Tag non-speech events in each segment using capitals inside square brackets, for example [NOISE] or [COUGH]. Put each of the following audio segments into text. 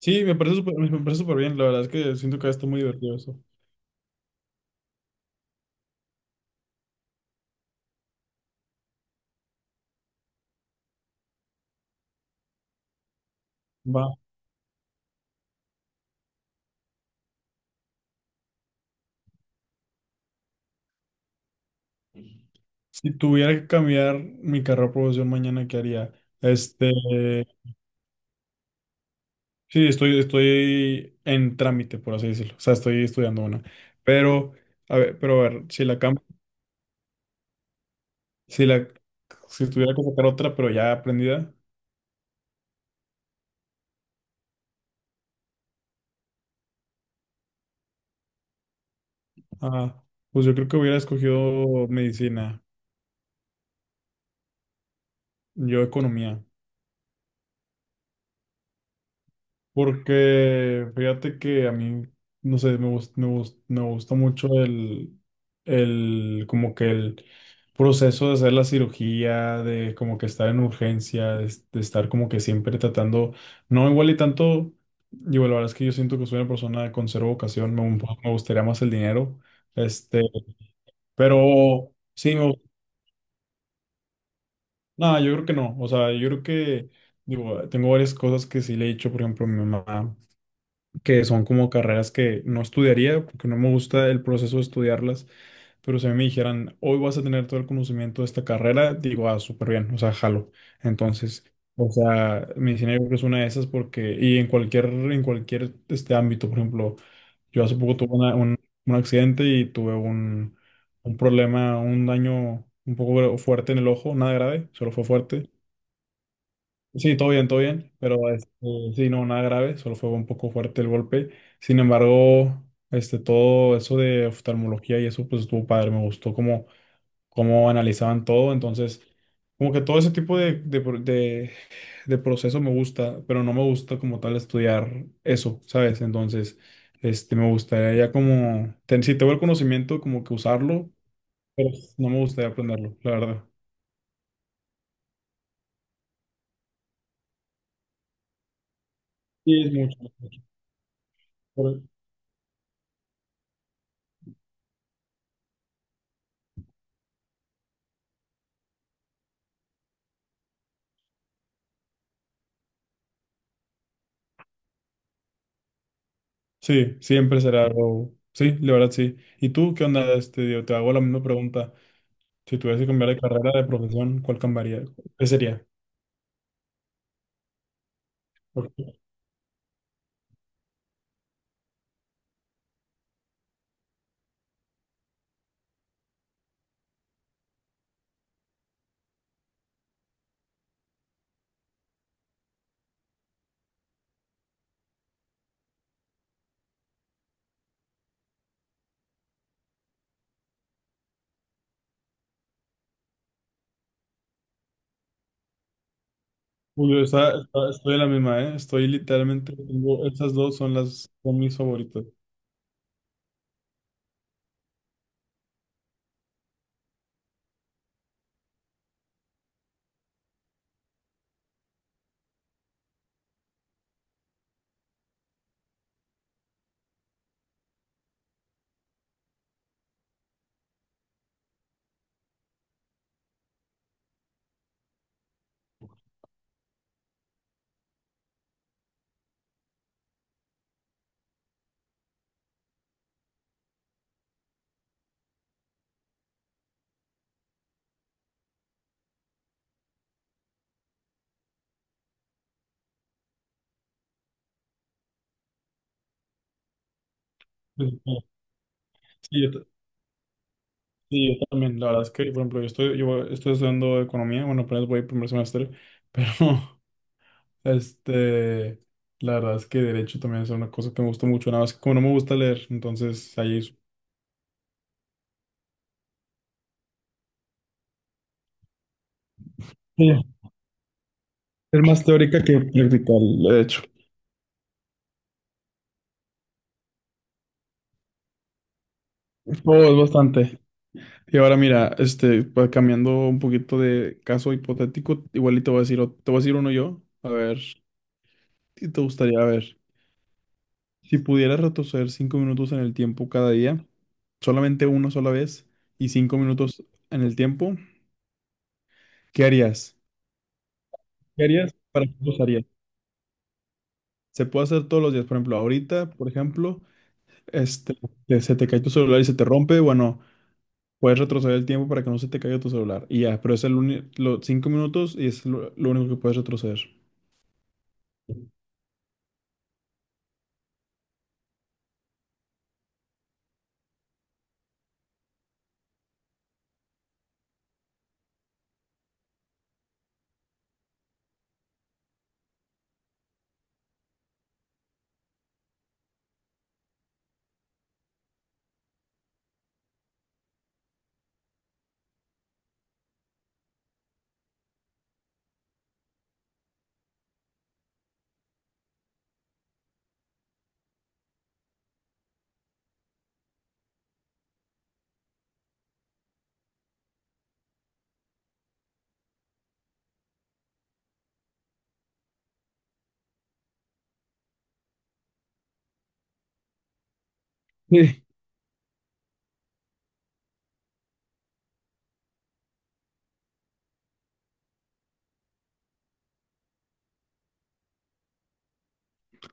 Sí, me parece súper bien. La verdad es que siento que está muy divertido eso. Va. Si tuviera que cambiar mi carrera profesión mañana, ¿qué haría? Este, sí, estoy en trámite, por así decirlo. O sea, estoy estudiando una. Pero, pero a ver, si la cambio, si la, si tuviera que sacar otra, pero ya aprendida, ah, pues yo creo que hubiera escogido medicina, yo economía. Porque fíjate que a mí, no sé, me gusta mucho el, como que el proceso de hacer la cirugía, de como que estar en urgencia, de estar como que siempre tratando, no igual y tanto, digo, la verdad es que yo siento que soy una persona con cero vocación, me gustaría más el dinero, este, pero sí, no, yo creo que no, o sea, yo creo que, digo, tengo varias cosas que sí le he dicho, por ejemplo, a mi mamá, que son como carreras que no estudiaría porque no me gusta el proceso de estudiarlas, pero si a mí me dijeran, hoy vas a tener todo el conocimiento de esta carrera, digo, ah, súper bien, o sea, jalo. Entonces, o sea, medicina yo creo que es una de esas porque, y en cualquier ámbito, por ejemplo, yo hace poco tuve un accidente y tuve un problema, un daño un poco fuerte en el ojo, nada grave, solo fue fuerte. Sí, todo bien, pero sí, no, nada grave, solo fue un poco fuerte el golpe. Sin embargo, todo eso de oftalmología y eso, pues estuvo padre, me gustó cómo analizaban todo, entonces, como que todo ese tipo de proceso me gusta, pero no me gusta como tal estudiar eso, ¿sabes? Entonces, me gustaría ya como, ten- si tengo el conocimiento, como que usarlo, pero no me gustaría aprenderlo, la verdad. Sí, es mucho. Sí, siempre será Row. Sí, la verdad sí. ¿Y tú qué onda? Digo, te hago la misma pregunta. Si tuvieras que cambiar de carrera, de profesión, ¿cuál cambiaría? ¿Qué sería? Porque, uy, yo estoy en la misma, ¿eh? Estoy literalmente, tengo- estas dos son las, son mis favoritas. Sí, sí, sí, yo también. La verdad es que, por ejemplo, yo estoy estudiando economía, bueno, apenas voy primer semestre, pero, [LAUGHS] este, la verdad es que derecho también es una cosa que me gusta mucho, nada más que como no me gusta leer, entonces ahí es. Es más teórica que practical, de hecho. Oh, es bastante. Y ahora mira, pa- cambiando un poquito de caso hipotético, igual y te voy a decir, ot- te voy a decir uno yo. A ver, si te gustaría, a ver, si pudieras retroceder 5 minutos en el tiempo cada día, solamente una sola vez y 5 minutos en el tiempo, ¿qué harías? ¿Qué harías? ¿Para qué lo usarías? Se puede hacer todos los días, por ejemplo, ahorita, por ejemplo, este, que se te cae tu celular y se te rompe, bueno. Puedes retroceder el tiempo para que no se te caiga tu celular. Y ya, pero es el uni- los 5 minutos y es lo único que puedes retroceder. [LAUGHS] Sí.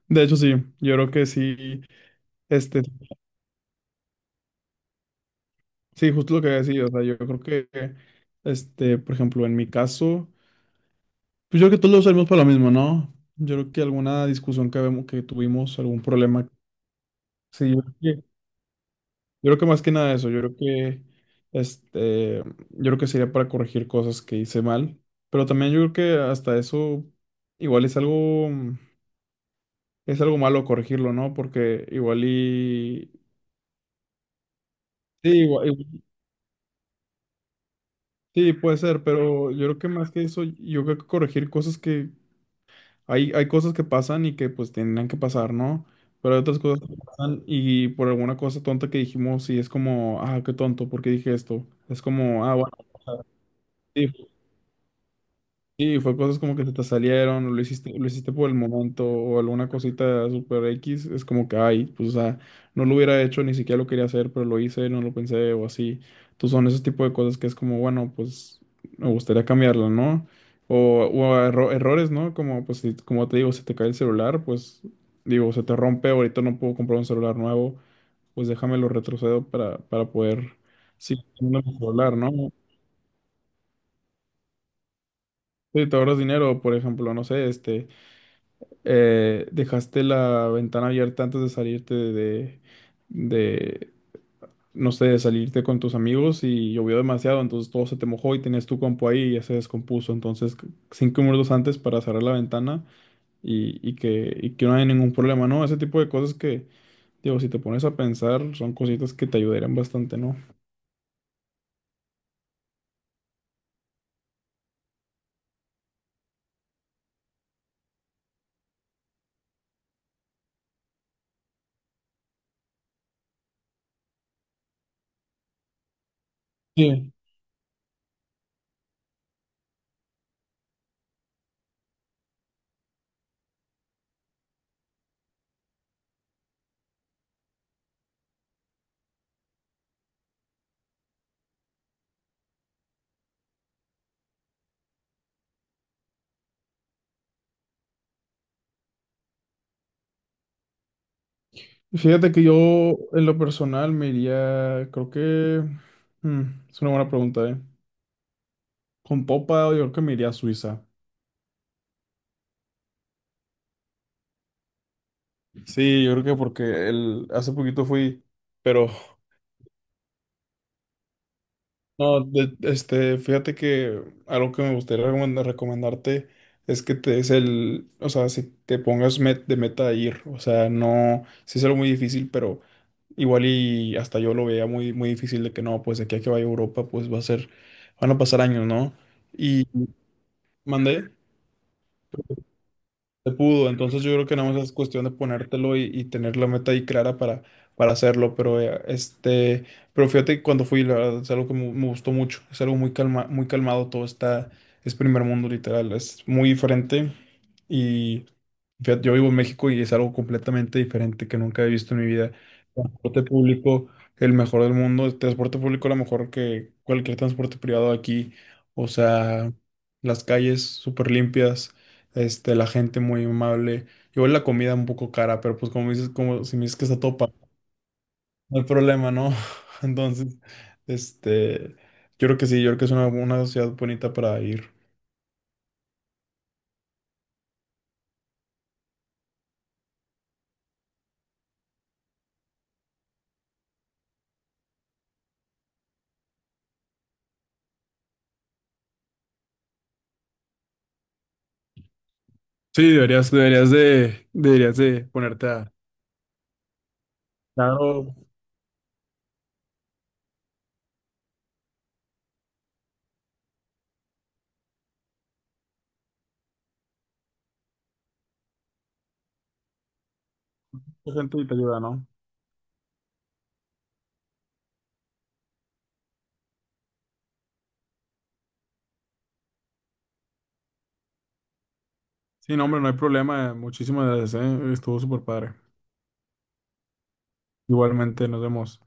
De hecho, sí, yo creo que sí, este, sí, justo lo que había decidido, o sea, yo creo que, por ejemplo, en mi caso, pues yo creo que todos lo usamos para lo mismo, ¿no? Yo creo que alguna discusión que, habemos- que tuvimos, algún problema, sí, yo creo que más que nada eso, yo creo que, este, yo creo que sería para corregir cosas que hice mal, pero también yo creo que hasta eso igual es algo malo corregirlo, ¿no? Porque igual y... Sí, igual- igual- sí, puede ser, pero yo creo que más que eso, yo creo que corregir cosas que... Hay cosas que pasan y que pues tendrían que pasar, ¿no? Pero hay otras cosas que pasan y por alguna cosa tonta que dijimos, sí, es como, ah, qué tonto, ¿por qué dije esto? Es como, ah, bueno, sí, fue cosas como que se te salieron, o lo hiciste por el momento, o alguna cosita super X, es como que, ay, pues, o sea, no lo hubiera hecho, ni siquiera lo quería hacer, pero lo hice, no lo pensé, o así. Entonces son esos tipos de cosas que es como, bueno, pues, me gustaría cambiarla, ¿no? O erro- errores, ¿no? Como, pues, si- como te digo, se te cae el celular, pues, digo, se te rompe, ahorita no puedo comprar un celular nuevo, pues déjamelo retrocedo para poder, sí, tener un celular, ¿no? Sí, te ahorras dinero, por ejemplo, no sé, este... dejaste la ventana abierta antes de salirte de, no sé, de salirte con tus amigos y llovió demasiado, entonces todo se te mojó y tenías tu compu ahí y ya se descompuso. Entonces, c- 5 minutos antes para cerrar la ventana y que no haya ningún problema, ¿no? Ese tipo de cosas que, digo, si te pones a pensar, son cositas que te ayudarían bastante, ¿no? Sí. Fíjate que yo, en lo personal, me iría, creo que, mm, es una buena pregunta, ¿eh? Con popa, yo creo que me iría a Suiza. Sí, yo creo que porque el, hace poquito fui, pero no, de- fíjate que algo que me gustaría recomendarte es que te des el, o sea, si te pongas met- de meta a ir, o sea, no, sí es algo muy difícil, pero igual y hasta yo lo veía muy, muy difícil de que no, pues de aquí a que vaya a Europa, pues va a ser, van a pasar años, ¿no? Y mandé. Se pudo, entonces yo creo que nada más es cuestión de ponértelo y tener la meta ahí clara para hacerlo, pero pero fíjate que cuando fui, la verdad, es algo que me gustó mucho, es algo muy calma, muy calmado, todo está, es primer mundo literal, es muy diferente y fíjate, yo vivo en México y es algo completamente diferente que nunca he visto en mi vida. Transporte público, el mejor del mundo, el transporte público a lo mejor que cualquier transporte privado aquí, o sea, las calles súper limpias, la gente muy amable. Igual la comida un poco cara, pero pues como dices, como si me dices que está topa, no hay problema, ¿no? [LAUGHS] Entonces, este, yo creo que sí, yo creo que es una ciudad bonita para ir. Sí, deberías, deberías de ponerte a... Claro, mucha gente te ayuda, ¿no? Sí, no, hombre, no hay problema. Muchísimas gracias, ¿eh? Estuvo súper padre. Igualmente, nos vemos.